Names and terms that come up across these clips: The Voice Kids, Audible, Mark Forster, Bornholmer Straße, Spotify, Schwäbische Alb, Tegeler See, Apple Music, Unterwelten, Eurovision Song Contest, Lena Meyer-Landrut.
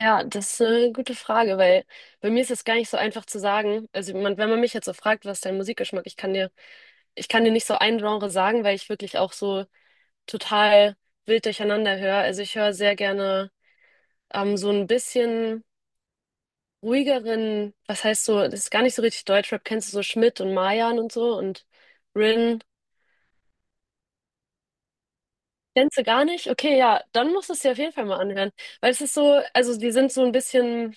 Ja, das ist eine gute Frage, weil bei mir ist es gar nicht so einfach zu sagen. Also wenn man mich jetzt so fragt, was ist dein Musikgeschmack, ich kann dir nicht so ein Genre sagen, weil ich wirklich auch so total wild durcheinander höre. Also ich höre sehr gerne so ein bisschen ruhigeren, was heißt so, das ist gar nicht so richtig Deutschrap. Kennst du so Schmidt und Mayan und so und Rin? Kennst du gar nicht? Okay, ja, dann musst du es dir auf jeden Fall mal anhören, weil es ist so, also die sind so ein bisschen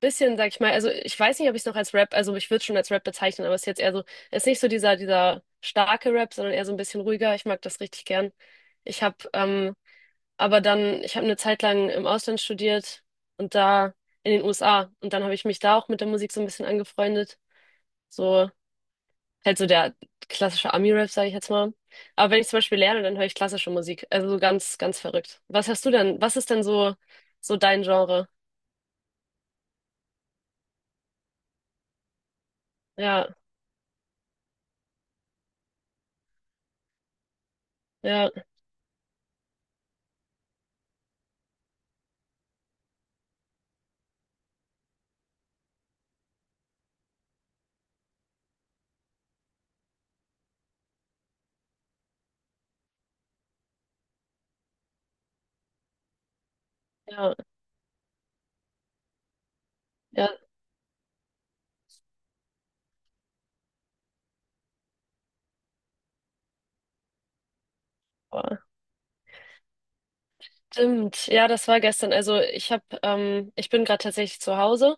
bisschen, sag ich mal, also ich weiß nicht, ob ich es noch als Rap, also ich würde es schon als Rap bezeichnen, aber es ist jetzt eher so, es ist nicht so dieser starke Rap, sondern eher so ein bisschen ruhiger. Ich mag das richtig gern. Ich habe, ähm, aber dann, ich habe eine Zeit lang im Ausland studiert und da in den USA, und dann habe ich mich da auch mit der Musik so ein bisschen angefreundet. So, halt so der klassische Ami-Rap, sage ich jetzt mal. Aber wenn ich zum Beispiel lerne, dann höre ich klassische Musik. Also so ganz, ganz verrückt. Was hast du denn? Was ist denn so, dein Genre? Ja, ja, ja, ja. Boah. Stimmt, ja, das war gestern. Also ich bin gerade tatsächlich zu Hause.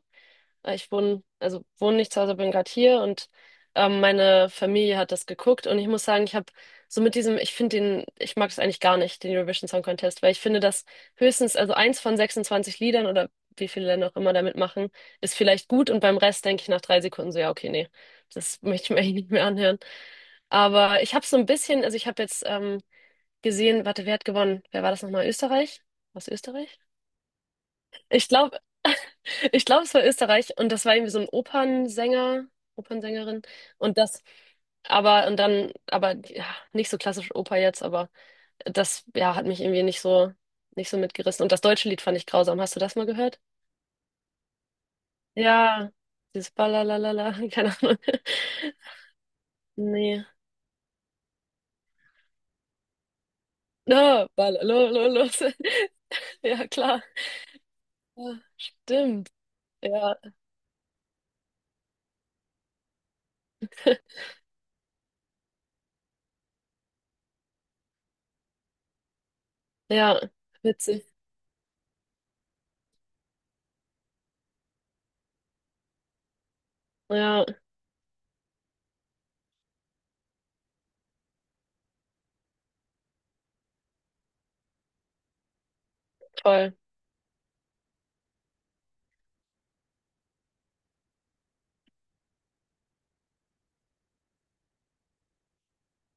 Ich wohne nicht zu Hause, bin gerade hier, und meine Familie hat das geguckt, und ich muss sagen, ich habe so mit diesem, ich finde den, ich mag es eigentlich gar nicht, den Eurovision Song Contest, weil ich finde, dass höchstens, also eins von 26 Liedern, oder wie viele Länder auch immer da mitmachen, ist vielleicht gut und beim Rest denke ich nach 3 Sekunden so, ja, okay, nee, das möchte ich mir eigentlich nicht mehr anhören. Aber ich habe so ein bisschen, also ich habe jetzt gesehen, warte, wer hat gewonnen? Wer war das nochmal? Österreich? Aus Österreich? Ich glaube, ich glaube, es war Österreich, und das war irgendwie so ein Opernsänger, Opernsängerin, und das, aber und dann, aber ja, nicht so klassisch Oper jetzt, aber das ja hat mich irgendwie nicht so mitgerissen, und das deutsche Lied fand ich grausam. Hast du das mal gehört? Ja, dieses Balalala, keine Ahnung. Nee. No, balalos. Ja, klar. Ja, stimmt. Ja, ja, witzig. Ja, toll.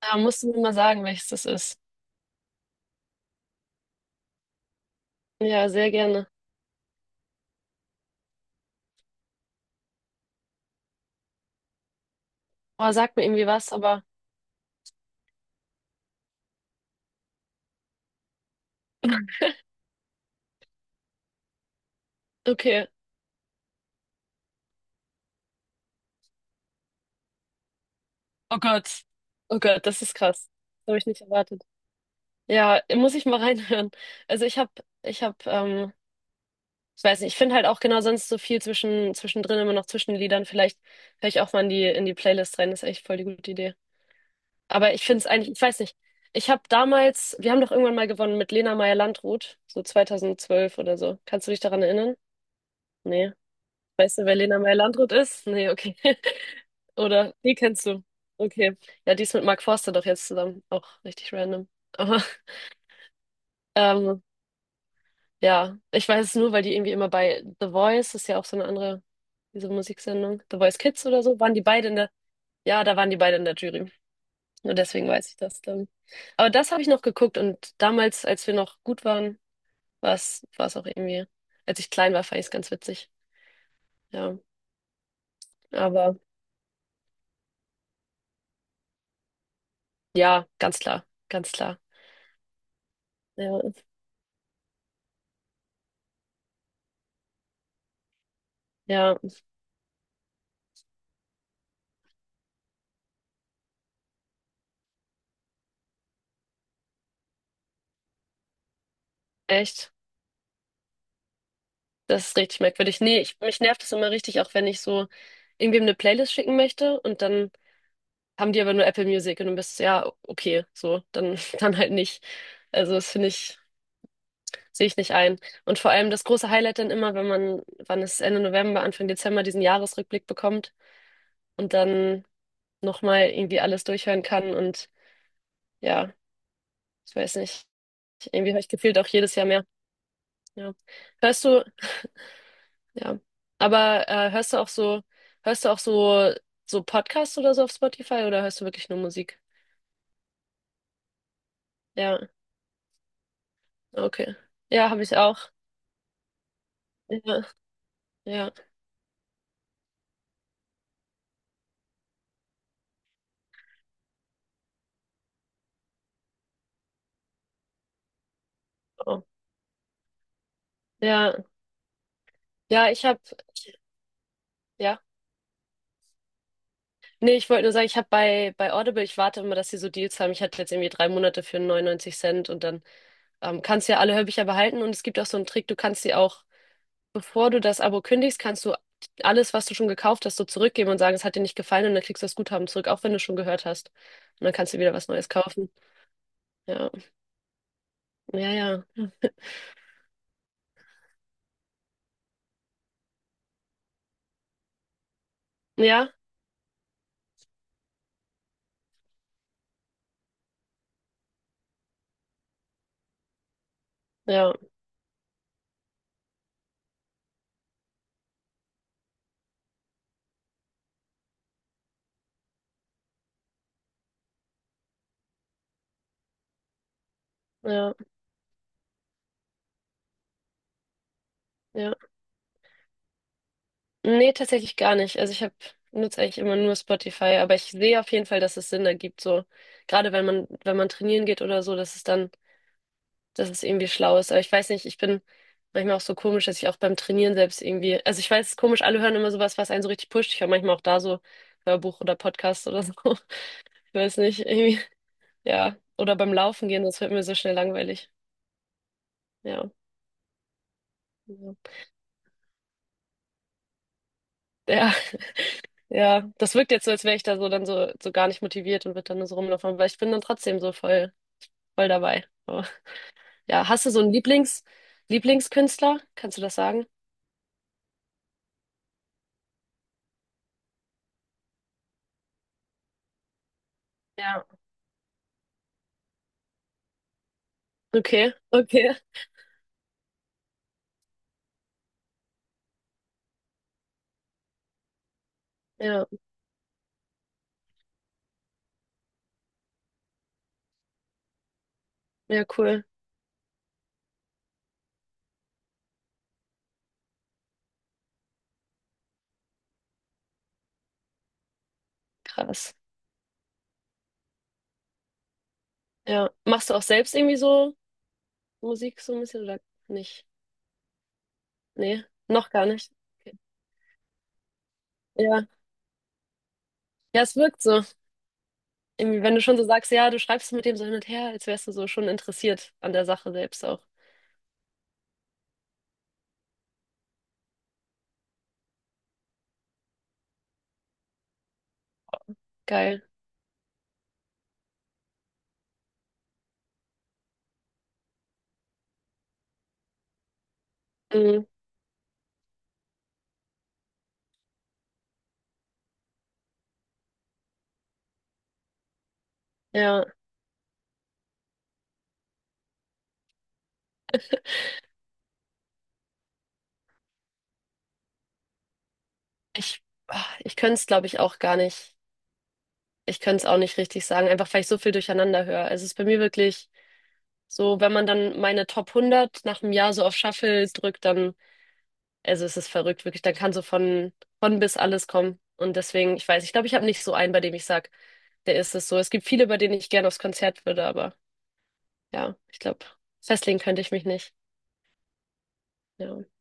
Ja, musst du mir mal sagen, welches das ist. Ja, sehr gerne. Oh, sag mir irgendwie was, aber okay. Oh Gott. Oh Gott, das ist krass. Das habe ich nicht erwartet. Ja, muss ich mal reinhören. Also ich habe, ähm, ich weiß nicht, ich finde halt auch genau sonst so viel zwischen, zwischendrin immer noch zwischen den Liedern. Vielleicht höre ich auch mal in die Playlist rein. Das ist echt voll die gute Idee. Aber ich finde es eigentlich, ich weiß nicht. Ich habe damals, wir haben doch irgendwann mal gewonnen mit Lena Meyer-Landrut, so 2012 oder so. Kannst du dich daran erinnern? Nee. Weißt du, wer Lena Meyer-Landrut ist? Nee, okay. Oder, die kennst du. Okay. Ja, die ist mit Mark Forster doch jetzt zusammen. Auch richtig random. Aber, ähm, ja, ich weiß es nur, weil die irgendwie immer bei The Voice, ist ja auch so eine andere, diese Musiksendung, The Voice Kids oder so, waren die beide in der, ja, da waren die beide in der Jury. Nur deswegen weiß ich das dann. Aber das habe ich noch geguckt, und damals, als wir noch gut waren, war es auch irgendwie, als ich klein war, fand ich es ganz witzig. Ja, aber ja, ganz klar, ganz klar. Ja. Ja, echt. Das ist richtig merkwürdig. Nee, mich nervt das immer richtig, auch wenn ich so irgendwem eine Playlist schicken möchte, und dann haben die aber nur Apple Music, und du bist, ja, okay, so, dann, dann halt nicht. Also das finde ich, sehe ich nicht ein. Und vor allem das große Highlight dann immer, wenn man, wann es Ende November, Anfang Dezember diesen Jahresrückblick bekommt und dann nochmal irgendwie alles durchhören kann, und ja, ich weiß nicht. Irgendwie habe ich gefühlt auch jedes Jahr mehr. Ja. Hörst du, Ja. Aber hörst du auch so, so Podcasts oder so auf Spotify, oder hörst du wirklich nur Musik? Ja, okay. Ja, habe ich auch. Ja, ja. Oh. Ja, ja, ich habe, ja. Nee, ich wollte nur sagen, ich habe bei Audible, ich warte immer, dass sie so Deals haben. Ich hatte jetzt irgendwie 3 Monate für 99 Cent, und dann kannst du ja alle Hörbücher behalten, und es gibt auch so einen Trick, du kannst sie auch bevor du das Abo kündigst, kannst du alles, was du schon gekauft hast, so zurückgeben und sagen, es hat dir nicht gefallen, und dann kriegst du das Guthaben zurück, auch wenn du schon gehört hast. Und dann kannst du wieder was Neues kaufen. Ja, ja, ja. Ja, ja, ja, ja. Nee, tatsächlich gar nicht. Also ich habe nutze eigentlich immer nur Spotify, aber ich sehe auf jeden Fall, dass es Sinn ergibt, so gerade wenn man trainieren geht oder so, dass es irgendwie schlau ist. Aber ich weiß nicht, ich bin manchmal auch so komisch, dass ich auch beim Trainieren selbst irgendwie, also ich weiß, es ist komisch, alle hören immer sowas, was einen so richtig pusht. Ich höre manchmal auch da so Hörbuch oder Podcast oder so. Ich weiß nicht, irgendwie, ja. Oder beim Laufen gehen, das wird mir so schnell langweilig. Ja. Ja, ja, ja. Das wirkt jetzt so, als wäre ich da so dann so gar nicht motiviert und würde dann nur so rumlaufen, aber ich bin dann trotzdem so voll, voll dabei. Aber, ja, hast du so einen Lieblingskünstler? Kannst du das sagen? Ja. Okay, okay. Ja, ja, cool. Krass. Ja. Machst du auch selbst irgendwie so Musik so ein bisschen oder nicht? Nee, noch gar nicht. Okay. Ja. Ja, es wirkt so. Irgendwie, wenn du schon so sagst, ja, du schreibst mit dem so hin und her, als wärst du so schon interessiert an der Sache selbst auch. Geil. Mhm. Ja, ich, ich könnte es, glaube ich, auch gar nicht. Ich könnte es auch nicht richtig sagen, einfach weil ich so viel durcheinander höre. Also es ist bei mir wirklich so, wenn man dann meine Top 100 nach einem Jahr so auf Shuffle drückt, dann. Also es ist verrückt, wirklich. Da kann so von bis alles kommen. Und deswegen, ich weiß, ich glaube, ich habe nicht so einen, bei dem ich sage, der ist es so. Es gibt viele, bei denen ich gerne aufs Konzert würde, aber ja, ich glaube, festlegen könnte ich mich nicht. Ja.